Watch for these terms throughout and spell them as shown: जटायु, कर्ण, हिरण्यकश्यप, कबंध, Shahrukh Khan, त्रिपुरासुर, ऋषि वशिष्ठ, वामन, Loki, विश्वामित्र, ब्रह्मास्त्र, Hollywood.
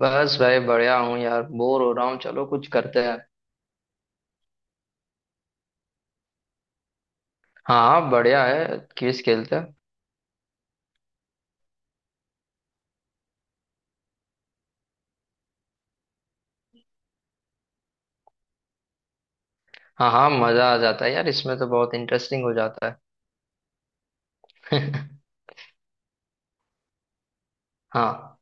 बस भाई बढ़िया हूँ यार। बोर हो रहा हूँ, चलो कुछ करते हैं। हाँ हाँ, बढ़िया है, क्विज खेलते हैं। हाँ हाँ, मजा आ जाता है यार इसमें तो, बहुत इंटरेस्टिंग हो जाता है। हाँ।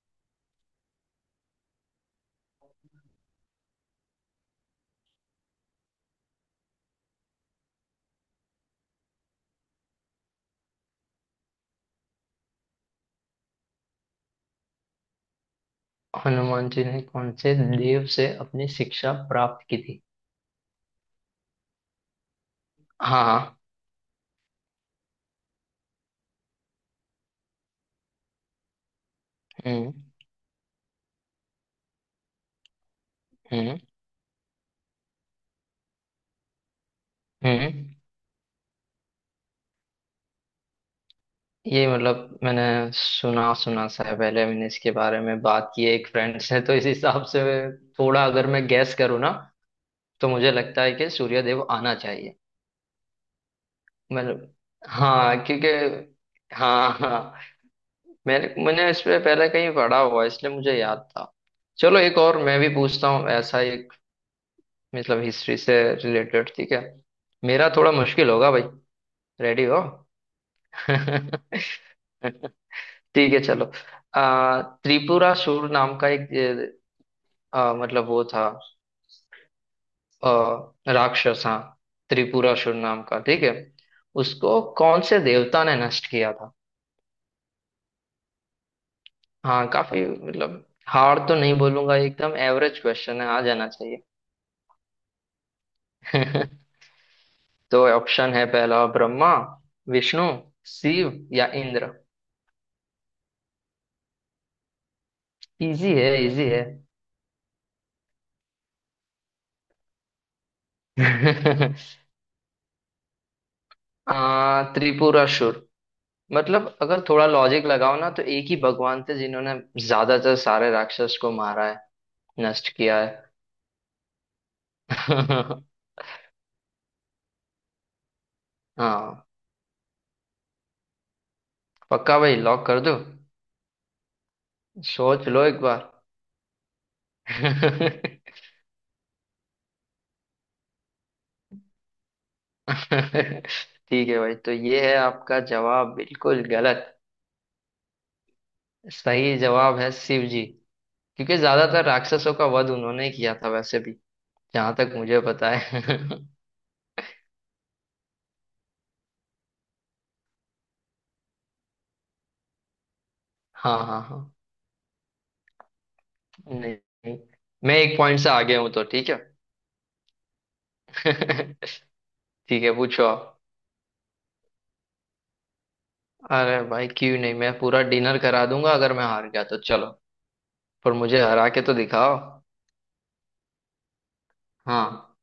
हनुमान जी ने कौन से देव से अपनी शिक्षा प्राप्त की थी? हाँ हाँ। हम्म। हम्म। हम्म। ये मतलब मैंने सुना सुना सा है, पहले मैंने इसके बारे में बात की है एक फ्रेंड से, तो इस हिसाब से थोड़ा अगर मैं गैस करूँ ना, तो मुझे लगता है कि सूर्यदेव आना चाहिए। मतलब हाँ, क्योंकि हाँ हाँ, मैंने मैंने इस पे पहले कहीं पढ़ा हुआ है, इसलिए मुझे याद था। चलो एक और मैं भी पूछता हूँ ऐसा एक, मतलब हिस्ट्री से रिलेटेड, ठीक है। मेरा थोड़ा मुश्किल होगा भाई। रेडी हो? ठीक है चलो। त्रिपुरा सुर नाम का एक मतलब वो था, आ, राक्षस हाँ। त्रिपुरा सुर नाम का, ठीक है। उसको कौन से देवता ने नष्ट किया था? हाँ, काफी मतलब हार्ड तो नहीं बोलूंगा, एकदम एवरेज क्वेश्चन है, आ जाना चाहिए। तो ऑप्शन है, पहला ब्रह्मा, विष्णु, शिव, या इंद्र। इजी है, इजी है। त्रिपुरासुर मतलब अगर थोड़ा लॉजिक लगाओ ना, तो एक ही भगवान थे जिन्होंने ज्यादातर सारे राक्षस को मारा है, नष्ट किया है। हाँ। पक्का भाई, लॉक कर दो। सोच लो एक बार। ठीक है भाई, तो ये है आपका जवाब, बिल्कुल गलत। सही जवाब है शिव जी, क्योंकि ज्यादातर राक्षसों का वध उन्होंने ही किया था वैसे भी, जहां तक मुझे पता है। हाँ हाँ हाँ। नहीं। नहीं। मैं एक पॉइंट से आगे हूँ तो ठीक है। ठीक है, पूछो आप। अरे भाई क्यों नहीं, मैं पूरा डिनर करा दूंगा अगर मैं हार गया तो, चलो। पर मुझे हरा के तो दिखाओ। हाँ।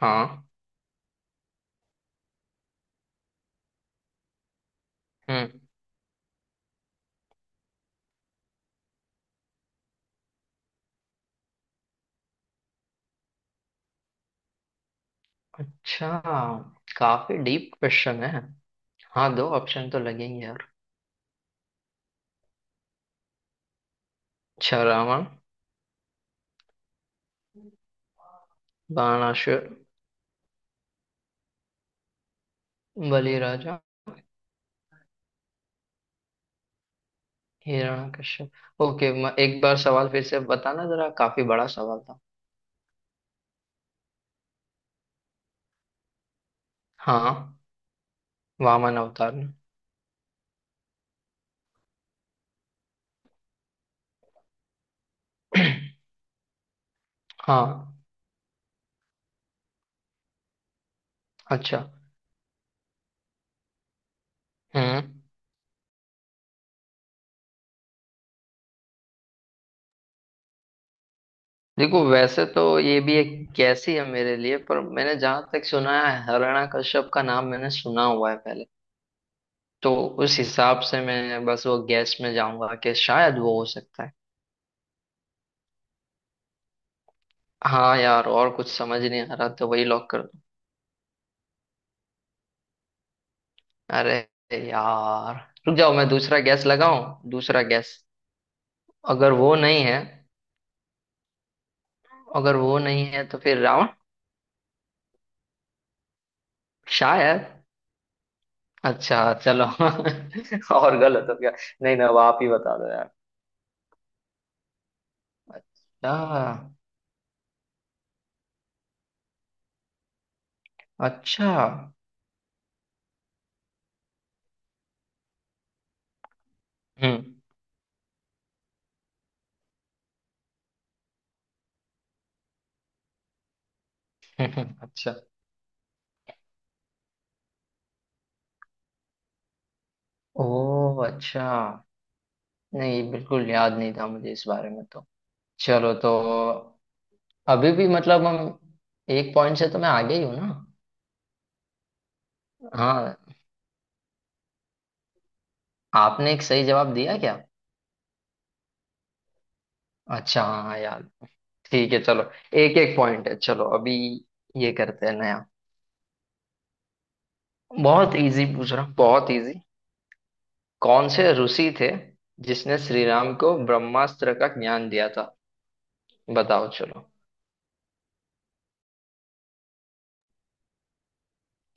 हाँ। हम्म। अच्छा, काफी डीप क्वेश्चन है। हाँ, दो ऑप्शन तो लगेंगे यार। अच्छा रावण। बाणासुर। बलि राजा। हिरण्यकश्यप। ओके। एक बार सवाल फिर से बताना जरा, काफी बड़ा सवाल था। हाँ। वामन अवतार ने। हाँ। अच्छा। हम्म। देखो वैसे तो ये भी एक कैसी है मेरे लिए, पर मैंने जहां तक सुना है, हिरण्यकश्यप का नाम मैंने सुना हुआ है पहले, तो उस हिसाब से मैं बस वो गैस में जाऊंगा कि शायद वो हो सकता है। हाँ यार, और कुछ समझ नहीं आ रहा, तो वही लॉक कर। अरे यार। रुक जाओ, मैं दूसरा गैस लगाऊं, दूसरा गैस। अगर वो नहीं है, अगर वो नहीं है तो फिर रावण शायद। अच्छा चलो, और गलत हो गया। नहीं ना, अब आप ही बता दो यार। अच्छा। अच्छा। हम्म। अच्छा। ओ अच्छा। नहीं, बिल्कुल याद नहीं था मुझे इस बारे में, तो चलो तो। अभी भी मतलब हम, एक पॉइंट से तो मैं आगे ही हूँ ना। हाँ। आपने एक सही जवाब दिया क्या? अच्छा हाँ यार। ठीक है चलो। एक एक पॉइंट है चलो अभी। ये करते हैं नया। बहुत इजी पूछ रहा हूँ, बहुत इजी। कौन से ऋषि थे जिसने श्री राम को ब्रह्मास्त्र का ज्ञान दिया था? बताओ चलो।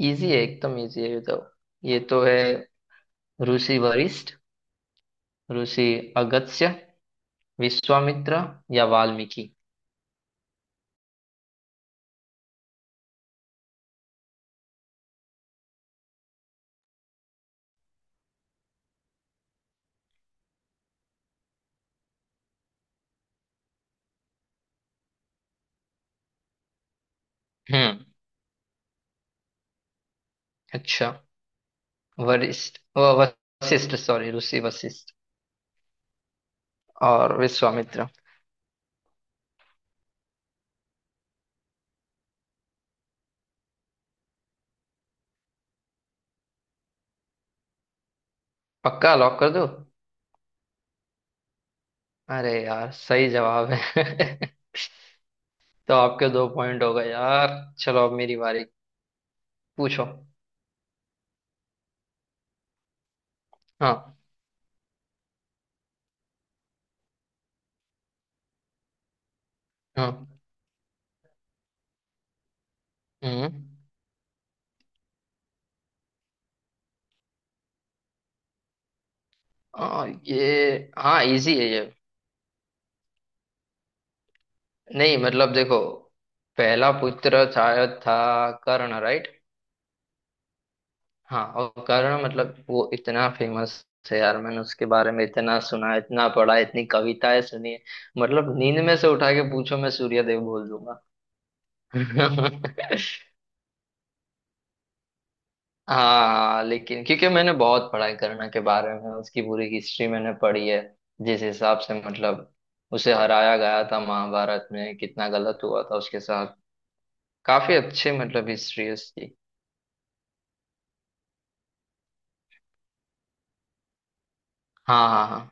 इजी है, एकदम इजी है ये तो। ये तो है ऋषि वशिष्ठ, ऋषि अगस्त्य, विश्वामित्र, या वाल्मीकि। हम्म। अच्छा। वरिष्ठ व- वशिष्ठ, सॉरी ऋषि वशिष्ठ, और विश्वामित्र। पक्का लॉक कर दो। अरे यार सही जवाब है। तो आपके दो पॉइंट हो गए यार। चलो अब मेरी बारी। पूछो। हाँ। हाँ। हम्म। ये हाँ, इजी है ये। नहीं मतलब देखो, पहला पुत्र शायद था कर्ण, राइट? हाँ, और कर्ण मतलब वो इतना फेमस है यार, मैंने उसके बारे में इतना सुना, इतना पढ़ा, इतनी कविताएं सुनी है। मतलब नींद में से उठा के पूछो, मैं सूर्यदेव बोल दूंगा। हाँ, लेकिन क्योंकि मैंने बहुत पढ़ाई करना के बारे में, उसकी पूरी हिस्ट्री मैंने पढ़ी है। जिस हिसाब से मतलब उसे हराया गया था महाभारत में, कितना गलत हुआ था उसके साथ। काफी अच्छे मतलब हिस्ट्री है उसकी। हाँ हाँ हाँ।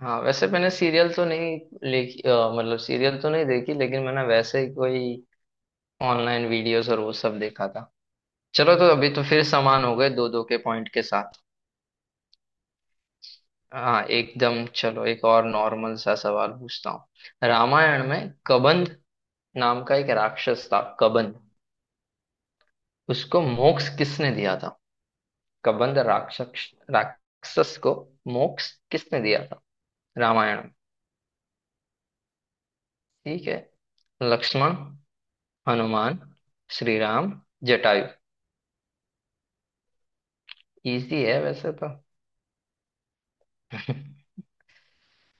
हाँ वैसे मैंने सीरियल तो नहीं लेखी, मतलब सीरियल तो नहीं देखी, लेकिन मैंने वैसे ही कोई ऑनलाइन वीडियोस और वो सब देखा था। चलो तो अभी तो फिर समान हो गए, दो दो के पॉइंट के साथ। हाँ एकदम। चलो एक और नॉर्मल सा सवाल पूछता हूँ। रामायण में कबंध नाम का एक राक्षस था, कबंध, उसको मोक्ष किसने दिया था? कबंध राक्षस राक्षस को मोक्ष किसने दिया था रामायण में। ठीक है, लक्ष्मण, हनुमान, श्री राम, जटायु। इजी है वैसे तो।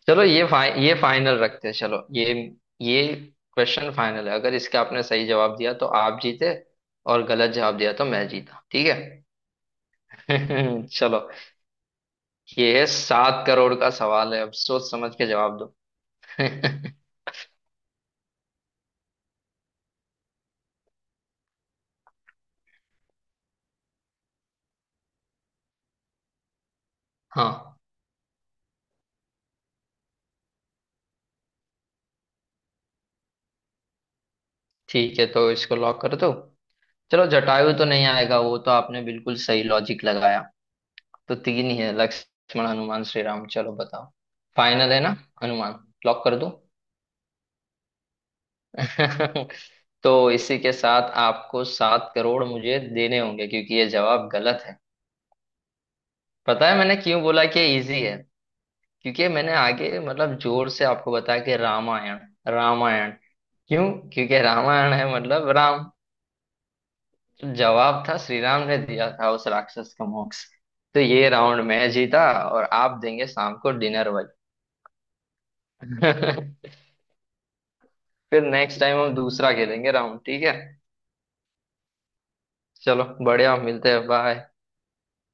चलो ये फाइनल रखते हैं, चलो ये क्वेश्चन फाइनल है। अगर इसका आपने सही जवाब दिया तो आप जीते, और गलत जवाब दिया तो मैं जीता, ठीक है। चलो, ये है 7 करोड़ का सवाल है, अब सोच समझ के जवाब दो। हाँ ठीक है तो इसको लॉक कर दो। चलो जटायु तो नहीं आएगा वो, तो आपने बिल्कुल सही लॉजिक लगाया। तो तीन ही है, लक्ष्मण, हनुमान, श्री राम, चलो बताओ। फाइनल है ना? हनुमान? लॉक कर दो। तो इसी के साथ आपको 7 करोड़ मुझे देने होंगे, क्योंकि ये जवाब गलत है। पता है मैंने क्यों बोला कि इजी है? क्योंकि मैंने आगे मतलब जोर से आपको बताया कि रामायण रामायण क्यों, क्योंकि रामायण है, मतलब राम। जवाब था श्री राम ने दिया था उस राक्षस का मोक्ष। तो ये राउंड मैं जीता, और आप देंगे शाम को डिनर वाली। फिर नेक्स्ट टाइम हम दूसरा खेलेंगे राउंड, ठीक है। चलो बढ़िया, मिलते हैं, बाय।